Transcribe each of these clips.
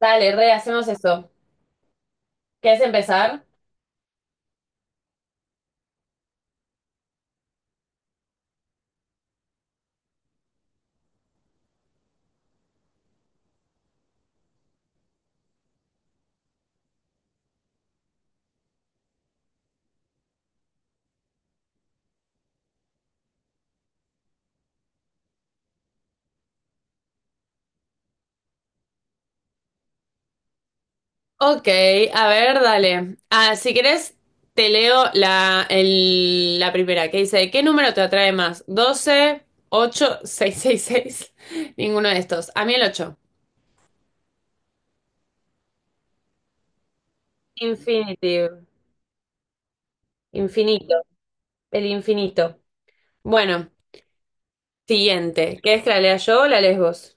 Dale, re, hacemos eso. ¿Quieres empezar? Ok, a ver, dale. Ah, si querés, te leo la primera que dice, ¿qué número te atrae más? 12, 8, 6 Ninguno de estos. A mí el ocho. Infinitive. Infinito. El infinito. Bueno, siguiente. ¿Querés que la lea yo o la lees vos?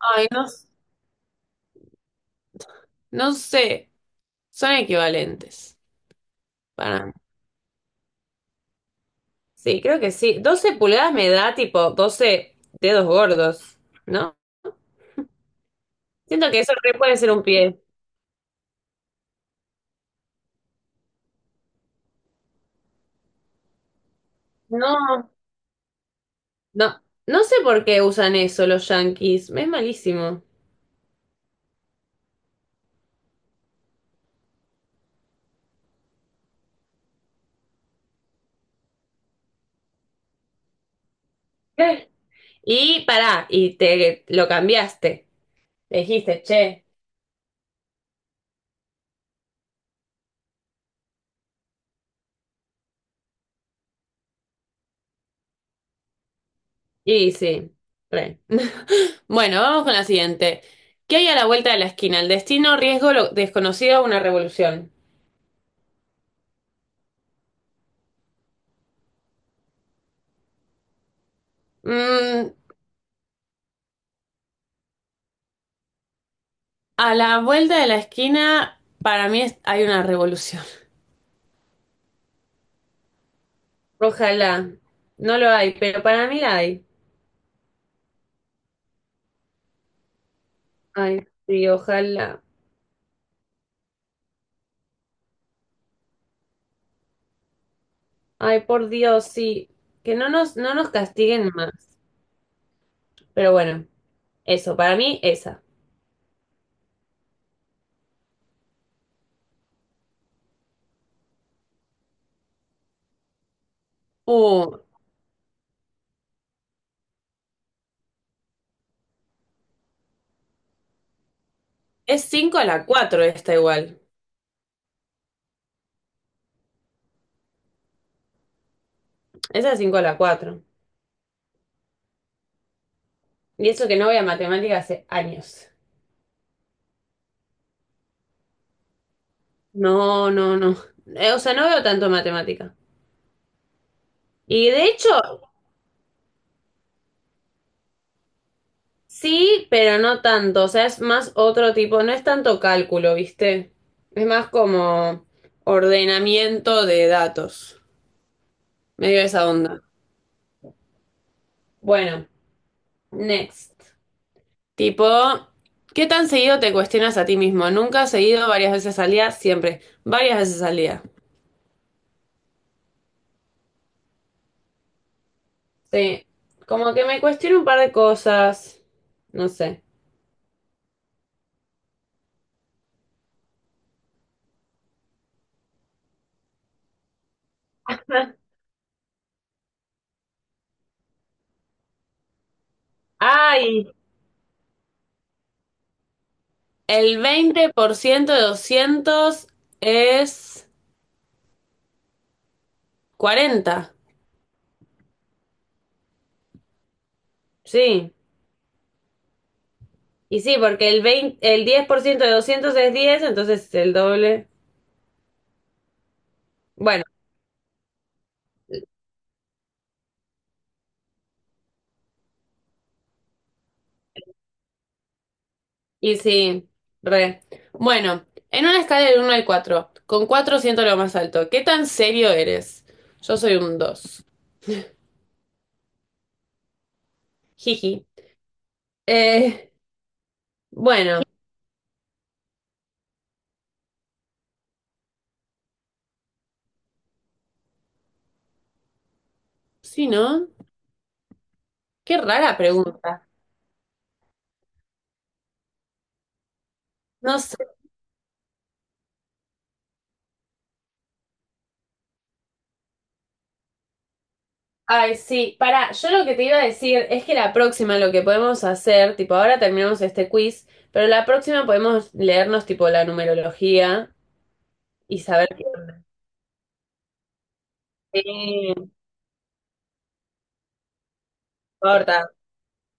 Ay, no. No sé. Son equivalentes. Para mí. Sí, creo que sí. 12 pulgadas me da tipo 12 dedos gordos, ¿no? Siento que eso re puede ser un pie. No, no, no sé por qué usan eso los yankees. Es malísimo. ¿Qué? Y pará, y te lo cambiaste. Le dijiste, che. Y sí, re. Bueno, vamos con la siguiente. ¿Qué hay a la vuelta de la esquina? El destino, riesgo, lo desconocido, una revolución. Mm, a la vuelta de la esquina, para mí hay una revolución. Ojalá. No lo hay, pero para mí la hay. Ay, sí, ojalá. Ay, por Dios, sí. Que no nos castiguen más. Pero bueno, eso, para mí esa. Uh, es 5 a la cuatro esta igual. Esa es cinco a la cuatro. Y eso que no voy a matemática hace años. No, no, no. O sea, no veo tanto matemática. Y de hecho, sí, pero no tanto, o sea, es más otro tipo, no es tanto cálculo, ¿viste? Es más como ordenamiento de datos, medio esa onda. Bueno, next. Tipo, ¿qué tan seguido te cuestionas a ti mismo? Nunca seguido, varias veces al día, siempre, varias veces al día. Sí, como que me cuestiono un par de cosas, no sé. Ay, el 20% de 200 es 40. Sí. Y sí, porque el 10% de 200 es 10, entonces el doble. Bueno, y sí, re. Bueno, en una escala del uno al cuatro, con 4 siento lo más alto. ¿Qué tan serio eres? Yo soy un dos. Jiji. Eh, bueno, sí, ¿no? Qué rara pregunta. No sé. Ay, sí. Pará, yo lo que te iba a decir es que la próxima lo que podemos hacer, tipo, ahora terminamos este quiz, pero la próxima podemos leernos, tipo, la numerología y saber qué importa.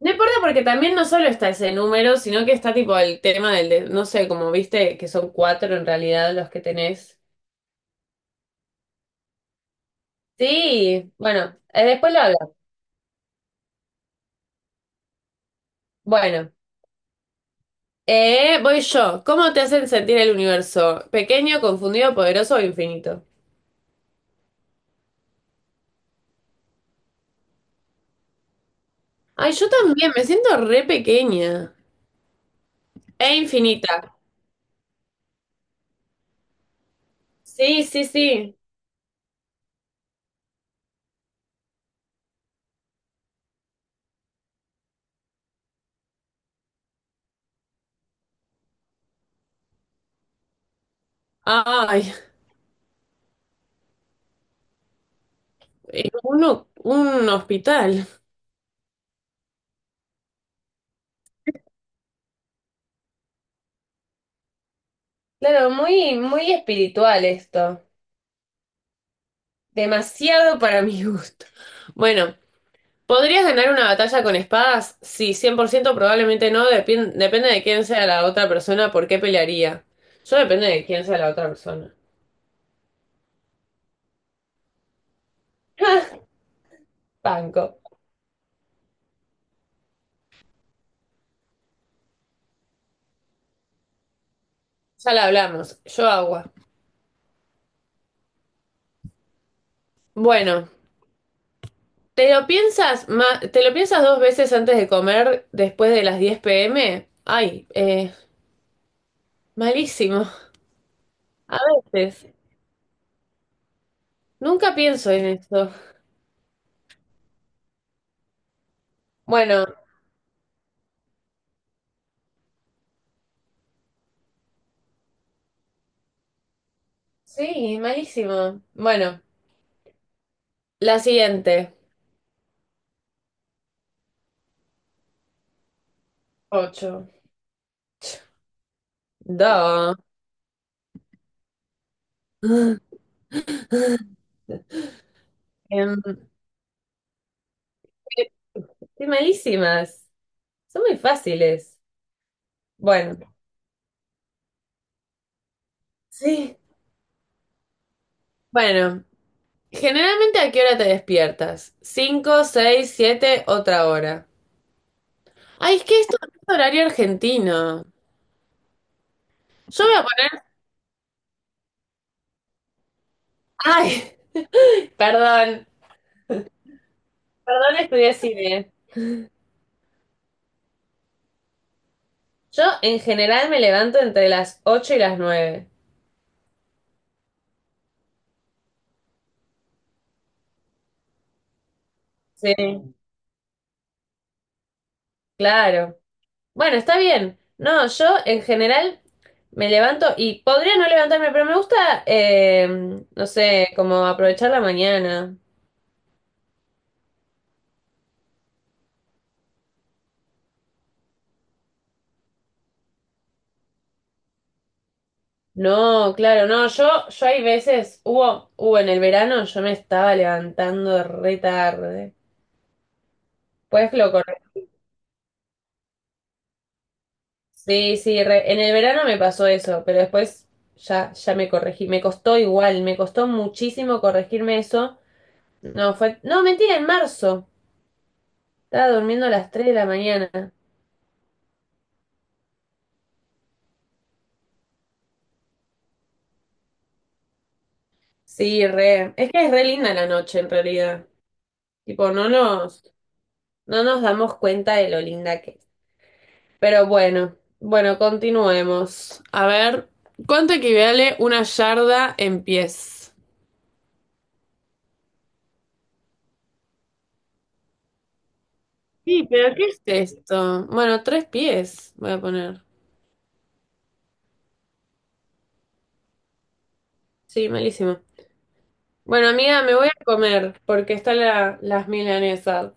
No importa, porque también no solo está ese número, sino que está tipo el tema no sé, como viste que son cuatro en realidad los que tenés. Sí, bueno, después lo hablamos. Bueno, voy yo. ¿Cómo te hacen sentir el universo? ¿Pequeño, confundido, poderoso o infinito? Ay, yo también, me siento re pequeña. E infinita. Sí, sí, sí. Ay, un hospital. Claro, muy, muy espiritual esto. Demasiado para mi gusto. Bueno, ¿podrías ganar una batalla con espadas? Sí, 100% probablemente no, depende de quién sea la otra persona, por qué pelearía. Yo depende de quién sea la otra persona. Banco. Ya la hablamos, yo agua. Bueno, ¿te lo piensas te lo piensas 2 veces antes de comer después de las 10 p.m.? Ay, malísimo. A veces. Nunca pienso en esto. Bueno, sí, malísimo. Bueno, la siguiente. Ocho. Dos. Em, Estoy malísimas. Son muy fáciles. Bueno, sí. Bueno, generalmente ¿a qué hora te despiertas? ¿Cinco, seis, siete, otra hora? Ay, es que esto no es horario argentino. Yo voy a poner... Ay, perdón. Perdón, estudié cine. Yo en general me levanto entre las 8 y las 9. Sí, claro. Bueno, está bien. No, yo en general me levanto y podría no levantarme, pero me gusta, no sé, como aprovechar la mañana. No, claro, no, yo hay veces, hubo en el verano, yo me estaba levantando re tarde. Pues lo corregí. Sí, sí, en el verano me pasó eso, pero después ya me corregí. Me costó igual, me costó muchísimo corregirme eso. No, fue, no, mentira, en marzo. Estaba durmiendo a las 3 de la mañana. Sí, re. Es que es re linda la noche en realidad. Tipo, no nos damos cuenta de lo linda que es. Pero bueno, bueno, continuemos. A ver, ¿cuánto equivale una yarda en pies? Sí, pero ¿qué es esto? Bueno, 3 pies voy a poner. Sí, malísimo. Bueno, amiga, me voy a comer porque están las milanesas.